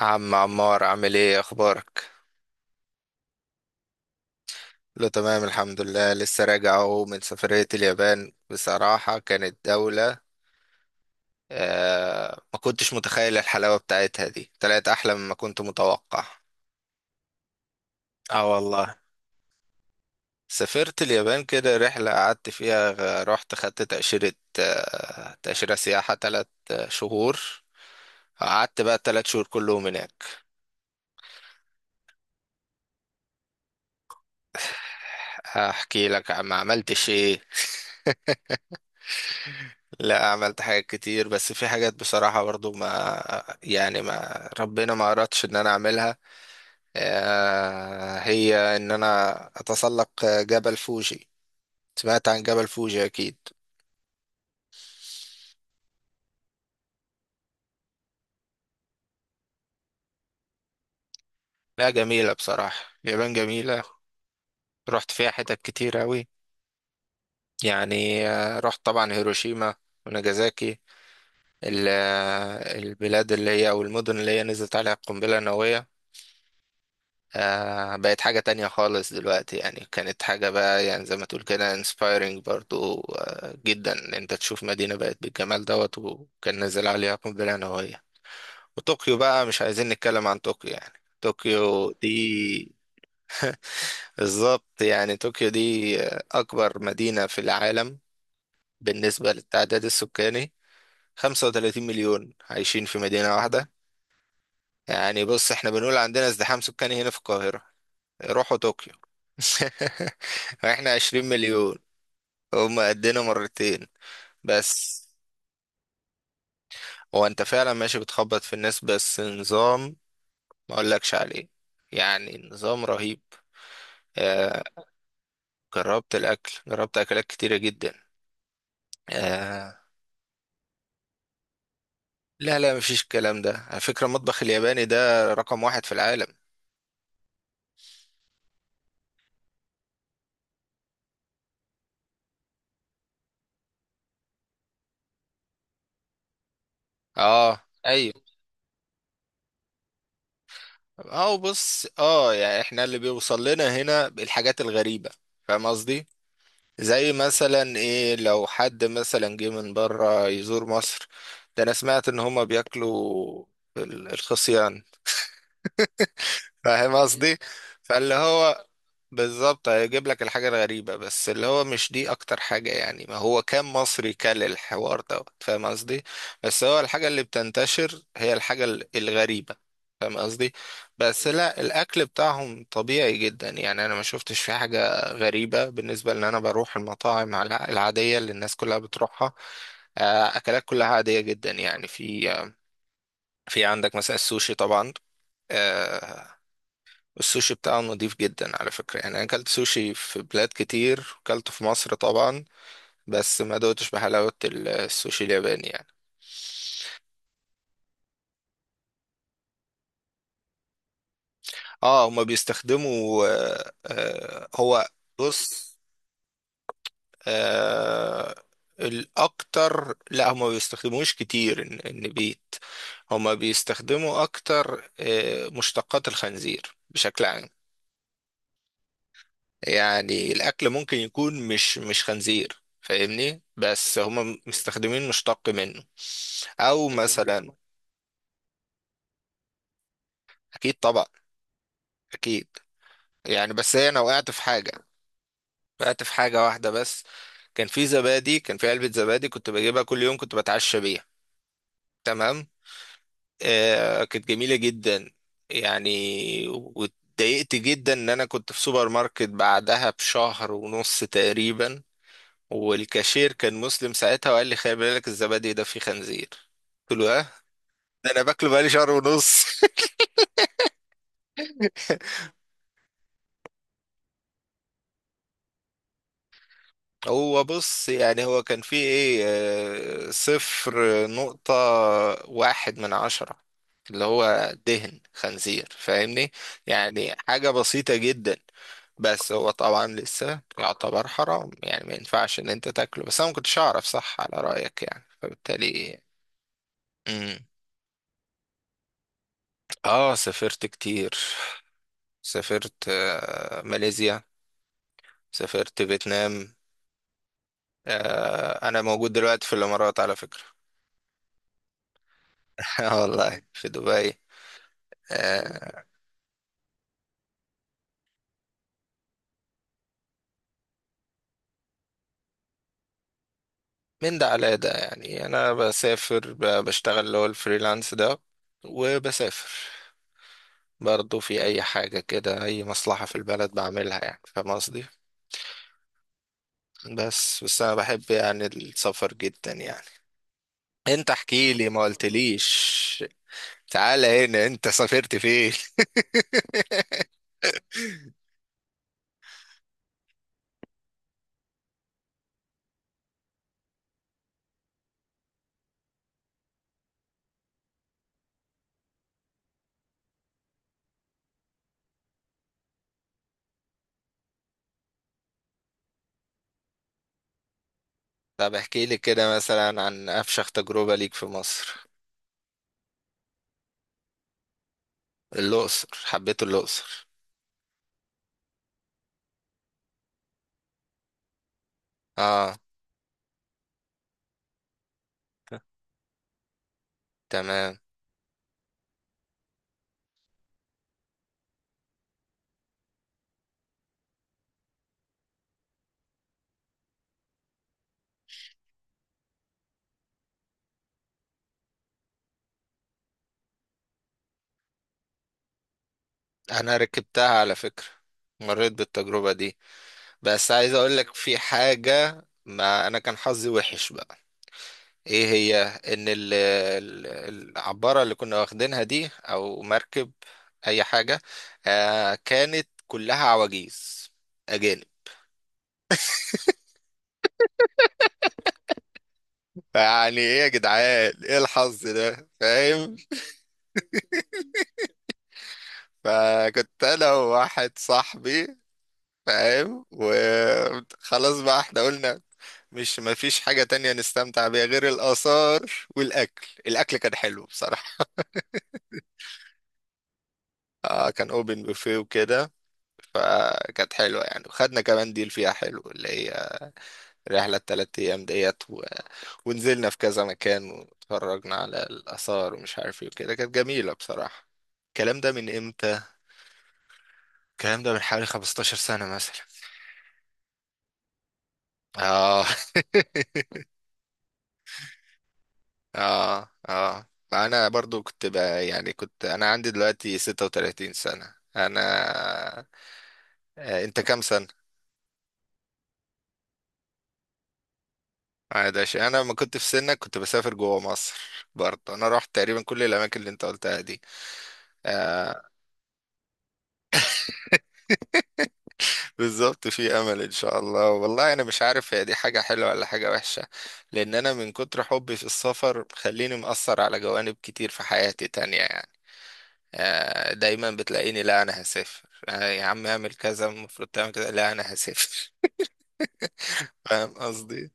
عم عمار، عامل ايه؟ اخبارك؟ له تمام، الحمد لله. لسه راجع اهو من سفرية اليابان، بصراحة كانت دولة. ما كنتش متخيل الحلاوة بتاعتها دي، طلعت احلى مما كنت متوقع. اه والله. سافرت اليابان كده رحلة قعدت فيها، رحت خدت تأشيرة. تأشيرة سياحة تلات شهور. قعدت بقى الـ3 شهور كلهم هناك. هحكي لك عم عملتش ايه. لا، عملت حاجات كتير، بس في حاجات بصراحة برضو ما يعني، ما ربنا ما أردش إن أنا أعملها. هي إن أنا أتسلق جبل فوجي. سمعت عن جبل فوجي أكيد. لا، جميلة بصراحة، اليابان جميلة. رحت فيها حتت كتير أوي. يعني رحت طبعا هيروشيما وناجازاكي، البلاد اللي هي، أو المدن اللي هي نزلت عليها القنبلة النووية. بقت حاجة تانية خالص دلوقتي يعني، كانت حاجة بقى يعني زي ما تقول كده inspiring برضو جدا، إن انت تشوف مدينة بقت بالجمال دوت وكان نازل عليها قنبلة نووية. وطوكيو بقى، مش عايزين نتكلم عن طوكيو يعني. طوكيو دي، بالظبط، يعني طوكيو دي أكبر مدينة في العالم بالنسبة للتعداد السكاني. 35 مليون عايشين في مدينة واحدة. يعني بص، احنا بنقول عندنا ازدحام سكاني هنا في القاهرة، روحوا طوكيو. احنا 20 مليون، هما قدنا مرتين. بس هو انت فعلا ماشي بتخبط في الناس، بس نظام ما اقولكش عليه، يعني نظام رهيب. آه. جربت الاكل، جربت اكلات كتيرة جدا. آه. لا لا، مفيش الكلام ده، على فكرة المطبخ الياباني ده رقم واحد في العالم. اه، ايوه. اه، بص، يعني احنا اللي بيوصل لنا هنا الحاجات الغريبة، فاهم قصدي؟ زي مثلا ايه، لو حد مثلا جه من بره يزور مصر، ده انا سمعت ان هما بياكلوا الخصيان، فاهم قصدي؟ فاللي هو بالظبط هيجيب لك الحاجة الغريبة، بس اللي هو مش دي أكتر حاجة، يعني ما هو كان مصري كل الحوار ده، فاهم قصدي؟ بس هو الحاجة اللي بتنتشر هي الحاجة الغريبة، فاهم قصدي؟ بس لا، الأكل بتاعهم طبيعي جدا، يعني أنا ما شفتش في حاجة غريبة، بالنسبة لأن أنا بروح المطاعم العادية اللي الناس كلها بتروحها. أكلات كلها عادية جدا، يعني في عندك مثلا السوشي طبعا. آه، السوشي بتاعه نضيف جدا على فكرة، يعني أنا أكلت سوشي في بلاد كتير، أكلته في مصر طبعا، بس ما دوتش بحلاوة السوشي الياباني يعني. اه، هما بيستخدموا هو، بص، آه الأكتر، لا هما ما بيستخدموش كتير النبيت، هما بيستخدموا أكتر مشتقات الخنزير بشكل عام. يعني الاكل ممكن يكون مش خنزير، فاهمني؟ بس هم مستخدمين مشتق منه، او بتعملوا مثلا سمك. اكيد طبعا، اكيد. يعني بس هي، انا وقعت في حاجه، وقعت في حاجه واحده بس. كان في علبه زبادي، كنت بجيبها كل يوم، كنت بتعشى بيها، تمام. كانت جميله جدا. يعني واتضايقت جدا، ان انا كنت في سوبر ماركت بعدها بشهر ونص تقريبا، والكاشير كان مسلم ساعتها وقال لي: خلي بالك الزبادي ده فيه خنزير. قلت له: ها؟ ده انا باكله بقالي شهر ونص. هو بص، يعني هو كان فيه ايه؟ 0.1 من 10، اللي هو دهن خنزير، فاهمني؟ يعني حاجة بسيطة جدا، بس هو طبعا لسه يعتبر حرام، يعني ما ينفعش ان انت تاكله، بس انا ما كنتش اعرف، صح على رأيك يعني، فبالتالي. امم اه، سافرت كتير. سافرت ماليزيا، سافرت فيتنام. انا موجود دلوقتي في الامارات على فكرة. والله في دبي. آه، من ده على ده، يعني انا بسافر بشتغل اللي هو الفريلانس ده، وبسافر برضه في اي حاجة كده، اي مصلحة في البلد بعملها، يعني فاهم قصدي؟ بس انا بحب يعني السفر جدا يعني. انت احكي لي، ما قلتليش، تعالى هنا، انت سافرت فين؟ طب احكي لي كده مثلا عن أفشخ تجربة ليك في مصر. الأقصر، حبيت الأقصر. اه، تمام. أنا ركبتها على فكرة، مريت بالتجربة دي، بس عايز أقول لك في حاجة، ما أنا كان حظي وحش بقى. إيه هي، إن العبارة اللي كنا واخدينها دي، أو مركب، أي حاجة، كانت كلها عواجيز، أجانب. يعني إيه يا جدعان، إيه الحظ ده، فاهم؟ فكنت انا وواحد صاحبي، فاهم، وخلاص بقى احنا قلنا مش مفيش حاجة تانية نستمتع بيها غير الآثار والأكل. الأكل كان حلو بصراحة. كان أوبن بوفيه وكده، فكانت حلوة يعني، وخدنا كمان ديل فيها حلو اللي هي رحلة الـ3 أيام ديت، و... ونزلنا في كذا مكان، واتفرجنا على الآثار، ومش عارف ايه وكده، كانت جميلة بصراحة. الكلام ده من امتى؟ الكلام ده من حوالي 15 سنة مثلا. اه. اه، اه. انا برضو كنت بقى يعني، كنت انا عندي دلوقتي 36 سنة انا. انت كام سنة؟ عادش، انا ما كنت في سنك كنت بسافر جوه مصر، برضه انا رحت تقريبا كل الاماكن اللي انت قلتها دي. آه. بالظبط، في امل ان شاء الله. والله انا مش عارف هي دي حاجة حلوة ولا حاجة وحشة، لان انا من كتر حبي في السفر خليني مأثر على جوانب كتير في حياتي تانية يعني. دايما بتلاقيني: لا انا هسافر، يا عم اعمل كذا، المفروض تعمل كذا، لا انا هسافر. فاهم قصدي؟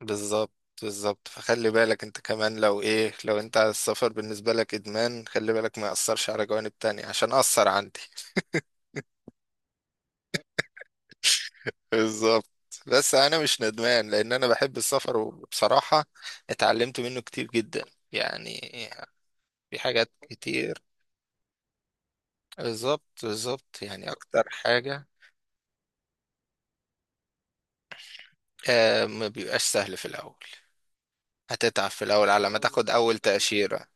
بالظبط، بالظبط، فخلي بالك انت كمان لو انت على السفر بالنسبة لك ادمان، خلي بالك ما يأثرش على جوانب تانية، عشان أثر عندي. بالظبط. بس انا مش ندمان لان انا بحب السفر، وبصراحة اتعلمت منه كتير جدا، يعني في حاجات كتير. بالظبط، بالظبط، يعني اكتر حاجة. ما بيبقاش سهل في الاول، هتتعب في الأول على ما تاخد أول تأشيرة،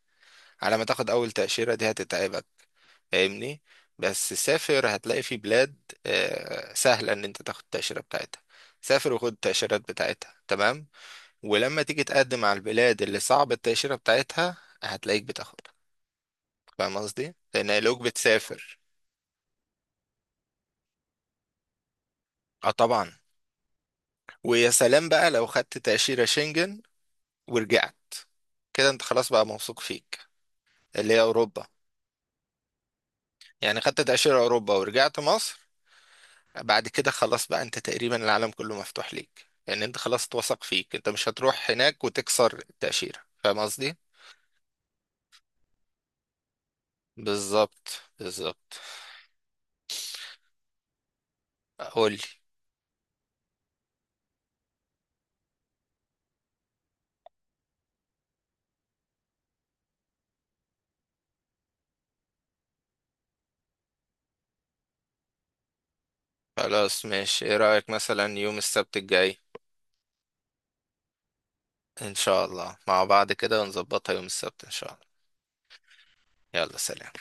على ما تاخد أول تأشيرة دي هتتعبك، فاهمني؟ بس سافر، هتلاقي في بلاد سهلة إن أنت تاخد التأشيرة بتاعتها، سافر وخد التأشيرات بتاعتها، تمام. ولما تيجي تقدم على البلاد اللي صعب التأشيرة بتاعتها، هتلاقيك بتاخدها، فاهم قصدي؟ لأن هيلاقوك بتسافر. اه طبعا، ويا سلام بقى لو خدت تأشيرة شنجن ورجعت، كده انت خلاص بقى موثوق فيك. اللي هي أوروبا، يعني خدت تأشيرة أوروبا ورجعت مصر، بعد كده خلاص بقى انت تقريبا العالم كله مفتوح ليك، يعني انت خلاص اتوثق فيك، انت مش هتروح هناك وتكسر التأشيرة، فاهم قصدي؟ بالظبط، بالظبط. قول لي. خلاص ماشي، ايه رأيك مثلا يوم السبت الجاي؟ ان شاء الله مع بعض كده ونظبطها يوم السبت ان شاء الله. يلا، سلام.